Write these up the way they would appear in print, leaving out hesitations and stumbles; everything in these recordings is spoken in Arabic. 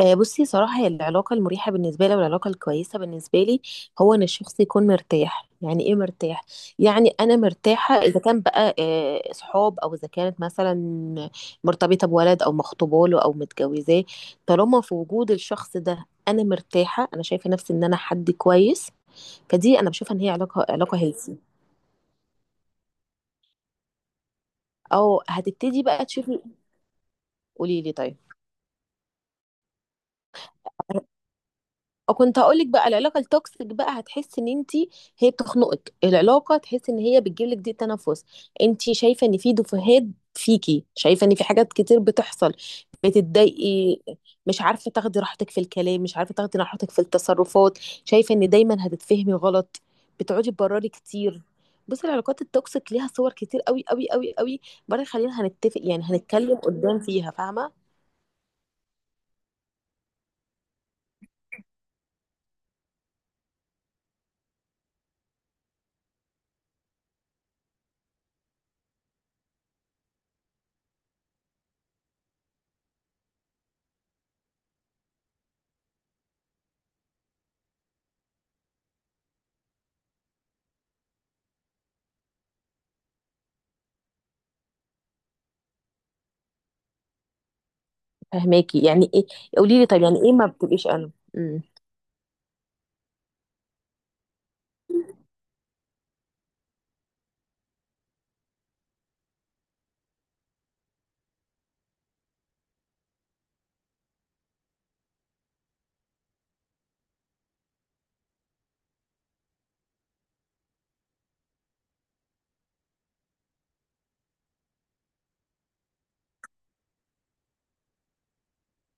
بصي صراحة، هي العلاقة المريحة بالنسبة لي والعلاقة الكويسة بالنسبة لي هو إن الشخص يكون مرتاح. يعني إيه مرتاح؟ يعني أنا مرتاحة إذا كان بقى، صحاب، أو إذا كانت مثلا مرتبطة بولد أو مخطوبة له أو متجوزاه. طالما في وجود الشخص ده أنا مرتاحة، أنا شايفة نفسي إن أنا حد كويس. فدي أنا بشوفها إن هي علاقة هيلثي. أو هتبتدي بقى تشوفي. قولي لي طيب. كنت هقولك بقى العلاقه التوكسيك، بقى هتحس ان انت هي بتخنقك العلاقه، تحس ان هي بتجيب لك ضيق تنفس، انت شايفه ان في دفهات فيكي، شايفه ان في حاجات كتير بتحصل، بتتضايقي، مش عارفه تاخدي راحتك في الكلام، مش عارفه تاخدي راحتك في التصرفات، شايفه ان دايما هتتفهمي غلط، بتقعدي تبرري كتير. بصي، العلاقات التوكسيك ليها صور كتير قوي قوي قوي قوي. برضه خلينا هنتفق، يعني هنتكلم قدام فيها، فاهمه. فاهماكي. يعني ايه؟ قولي لي طب، يعني ايه ما بتبقيش انا؟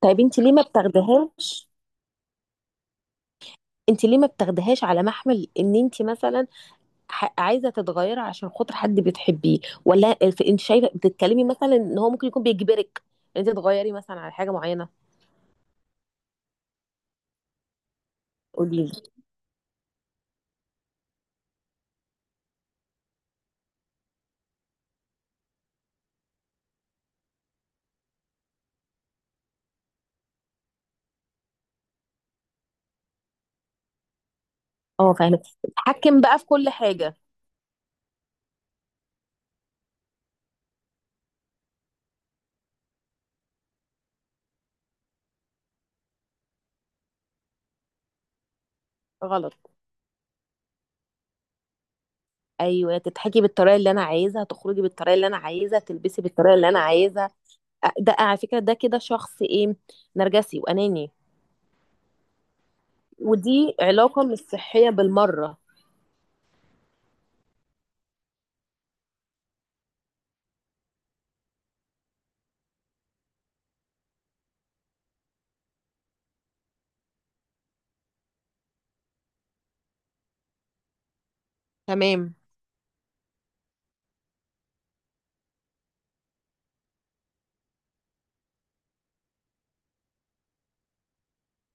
طيب انت ليه ما بتاخدهاش؟ انت ليه ما بتاخدهاش على محمل ان انت مثلا عايزه تتغيري عشان خاطر حد بتحبيه؟ ولا انت شايفه بتتكلمي مثلا ان هو ممكن يكون بيجبرك ان انت تغيري مثلا على حاجه معينه؟ قولي لي. اه فاهمه، تتحكم بقى في كل حاجه. غلط. ايوه، تضحكي بالطريقه اللي انا عايزها، تخرجي بالطريقه اللي انا عايزها، تلبسي بالطريقه اللي انا عايزها. ده على فكره ده كده شخص ايه؟ نرجسي واناني. ودي علاقه مش صحيه بالمره. تمام.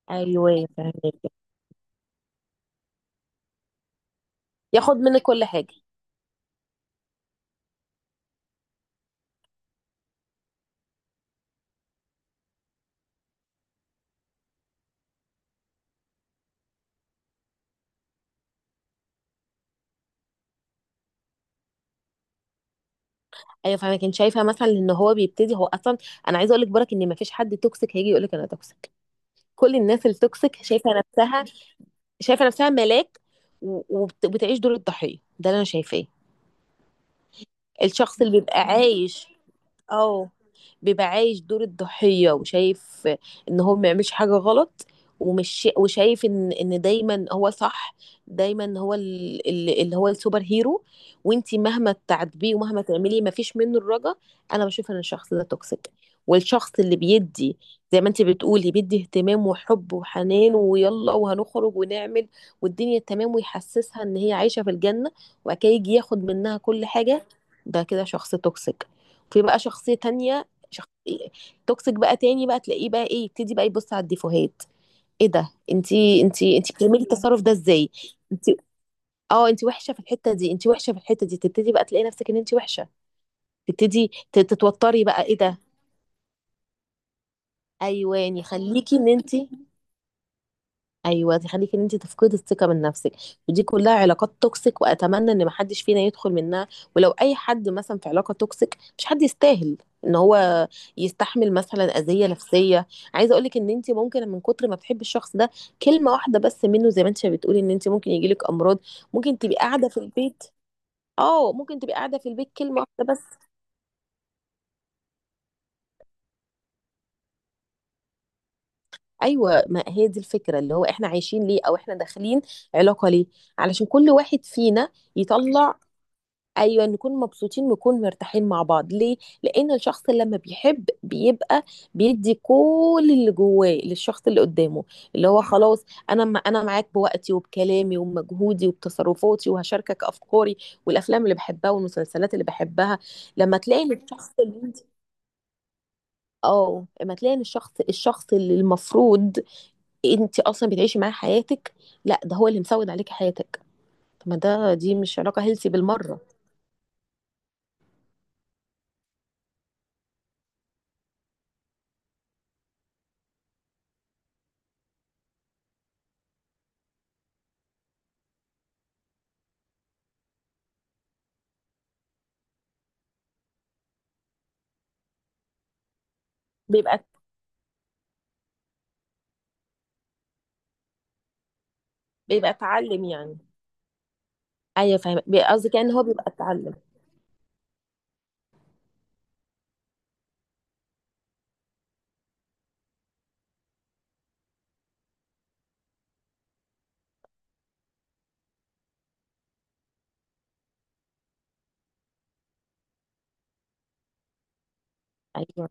ايوه فاهمك، ياخد منك كل حاجه. ايوه فاهمه، كنت شايفه مثلا ان هو بيبتدي هو اصلا. انا عايزه اقول لك برك ان ما فيش حد توكسيك هيجي يقول لك انا توكسيك. كل الناس التوكسيك شايفه نفسها، ملاك. وبتعيش دور الضحيه ده اللي انا شايفاه. الشخص اللي بيبقى عايش، اه بيبقى عايش دور الضحية، وشايف ان هو ما يعملش حاجة غلط، ومش وشايف ان دايما هو صح، دايما هو اللي هو السوبر هيرو. وانتي مهما تعاتبيه ومهما تعملي ما فيش منه الرجا. انا بشوف ان الشخص ده توكسيك. والشخص اللي بيدي، زي ما انتي بتقولي، بيدي اهتمام وحب وحنان، ويلا وهنخرج ونعمل والدنيا تمام، ويحسسها ان هي عايشة في الجنة، وبعد كده يجي ياخد منها كل حاجة. ده كده شخص توكسيك. في بقى شخصية تانية، توكسيك بقى تاني، بقى تلاقيه بقى ايه، يبتدي بقى يبص على الديفوهات. ايه ده؟ انتي بتعملي التصرف ده ازاي؟ انتي، اه انتي وحشة في الحتة دي، انتي وحشة في الحتة دي، تبتدي بقى تلاقي نفسك ان انتي وحشة. تبتدي تتوتري بقى، ايه ده؟ ايواني خليكي ان انتي، ايوه تخليكي ان انت تفقدي الثقه من نفسك. ودي كلها علاقات توكسيك، واتمنى ان محدش فينا يدخل منها. ولو اي حد مثلا في علاقه توكسيك، مش حد يستاهل ان هو يستحمل مثلا اذيه نفسيه. عايزه اقولك ان انت ممكن من كتر ما بتحبي الشخص ده، كلمه واحده بس منه، زي ما انت بتقولي ان انت ممكن يجيلك امراض، ممكن تبقي قاعده في البيت. اه ممكن تبقي قاعده في البيت، كلمه واحده بس. ايوه، ما هي دي الفكره اللي هو احنا عايشين ليه، او احنا داخلين علاقه ليه؟ علشان كل واحد فينا يطلع. ايوه، نكون مبسوطين ونكون مرتاحين مع بعض ليه؟ لان الشخص لما بيحب بيبقى بيدي كل اللي جواه للشخص اللي قدامه. اللي هو خلاص، انا معاك بوقتي وبكلامي وبمجهودي وبتصرفاتي، وهشاركك افكاري والافلام اللي بحبها والمسلسلات اللي بحبها. لما تلاقي إن الشخص اللي انت، اه لما تلاقي إن الشخص اللي المفروض انت اصلا بتعيشي معاه حياتك، لا ده هو اللي مسود عليك حياتك. طب ما ده، دي مش علاقة هيلثي بالمرة. بيبقى، اتعلم يعني. ايوه فاهمه، قصدي كان هو بيبقى اتعلم. ايوه،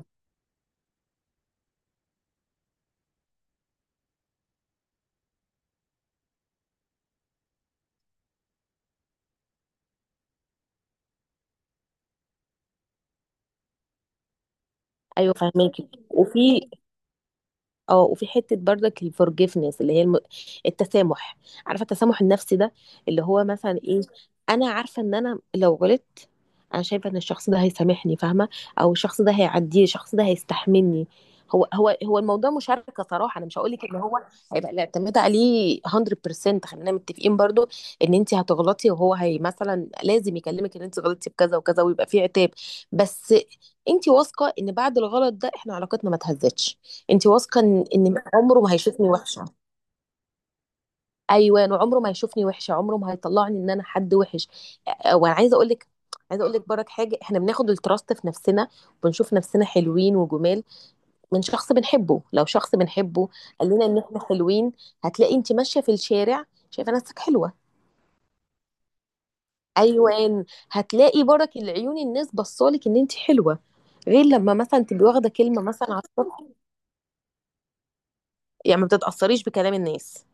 ايوه فاهماكي. وفي، اه وفي حته برضك الفورجيفنس، اللي هي التسامح. عارفه التسامح النفسي ده، اللي هو مثلا ايه؟ انا عارفه ان انا لو غلطت، انا شايفه ان الشخص ده هيسامحني، فاهمه، او الشخص ده هيعديه، الشخص ده هيستحملني. هو الموضوع مشاركه صراحه. انا مش هقول لك ان هو هيبقى الاعتماد عليه 100%. خلينا متفقين برضو ان انت هتغلطي، وهو هي مثلا لازم يكلمك ان انت غلطتي بكذا وكذا، ويبقى في عتاب. بس انت واثقه ان بعد الغلط ده احنا علاقتنا ما اتهزتش. انت واثقه ان عمره ما هيشوفني وحشه. ايوه انا، عمره ما هيشوفني وحشه، عمره ما هيطلعني ان انا حد وحش. وانا عايزه اقول لك، برك حاجه، احنا بناخد التراست في نفسنا وبنشوف نفسنا حلوين وجمال من شخص بنحبه. لو شخص بنحبه قال لنا ان احنا حلوين، هتلاقي انت ماشيه في الشارع شايفه نفسك حلوه. ايوه، هتلاقي برك العيون الناس بصالك ان انت حلوه، غير لما مثلا تبقي واخده كلمه مثلا على السطح. يعني ما بتتاثريش بكلام الناس؟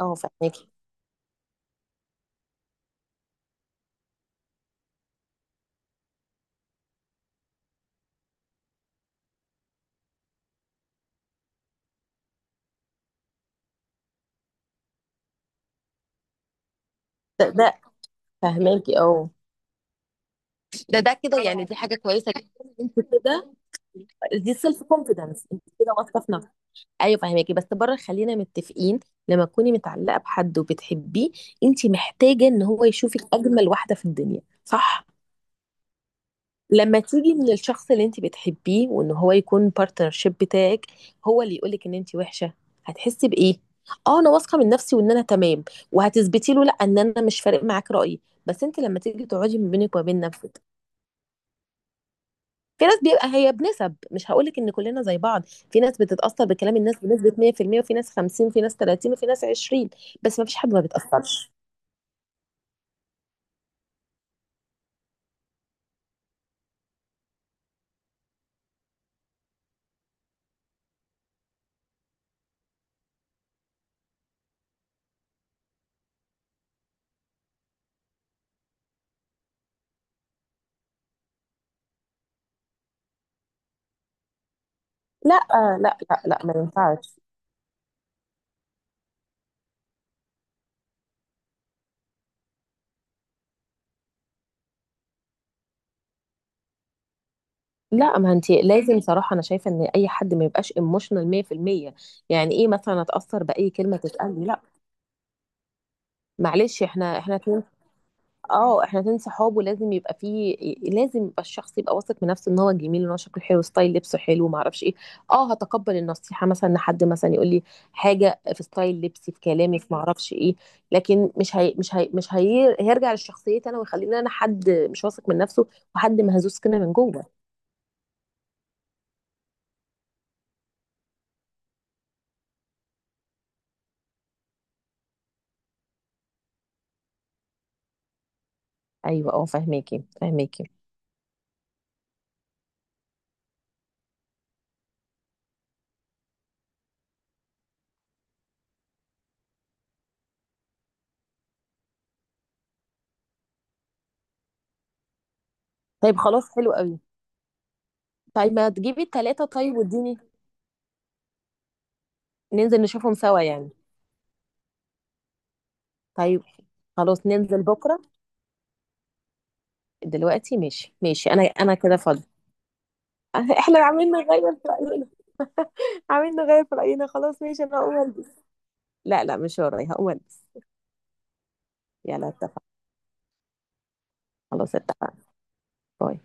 اه فاهماكي. ده ده فاهماكي اه. ده كده، يعني دي حاجه كويسه جدا انت كده. دي سيلف كونفيدنس، انت كده واثقه في نفسك. ايوه فاهماكي. بس بره خلينا متفقين، لما تكوني متعلقه بحد وبتحبيه، انت محتاجه ان هو يشوفك اجمل واحده في الدنيا، صح؟ لما تيجي من الشخص اللي انت بتحبيه وان هو يكون بارتنرشيب بتاعك، هو اللي يقولك ان انت وحشه، هتحسي بايه؟ اه انا واثقه من نفسي وان انا تمام، وهتثبتي له لا ان انا مش فارق معاك رايي، بس انت لما تيجي تقعدي من بينك وبين نفسك. في ناس بيبقى هي بنسب، مش هاقول لِك إن كلنا زي بعض، في ناس بتتأثّر بكلام الناس بنسبة 100%، وفي ناس 50، وفي ناس 30، وفي ناس 20، بس ما فيش حد ما بيتأثّرش. لأ، لأ، لأ، لأ، ما ينفعش. لأ، ما أنتِ لازم صراحة أنا شايفة إن أي حد ما يبقاش emotional 100%. يعني إيه مثلًا أتأثّر بأي كلمة تتقال لي؟ لأ. معلش، إحنا 2. اه احنا اتنين صحاب، ولازم يبقى فيه، لازم يبقى الشخص يبقى واثق من نفسه ان هو جميل، ان هو شكله حلو، ستايل لبسه حلو، ما اعرفش ايه. اه، هتقبل النصيحه مثلا ان حد مثلا يقول لي حاجه في ستايل لبسي، في كلامي، في ما اعرفش ايه. لكن مش هي هيرجع لشخصيتي انا، ويخليني انا حد مش واثق من نفسه، وحد مهزوز كده من جوه. ايوه اه فاهماكي، فاهماكي. طيب خلاص حلو قوي. طيب ما تجيبي التلاته طيب واديني. ننزل نشوفهم سوا يعني؟ طيب خلاص ننزل بكره. دلوقتي ماشي، ماشي، انا كده فاضي. احنا عاملين نغير في راينا. عاملين نغير في راينا، خلاص ماشي انا هقوم البس. لا لا، مش ورايا، هقوم البس. يلا اتفقنا. خلاص اتفقنا. باي.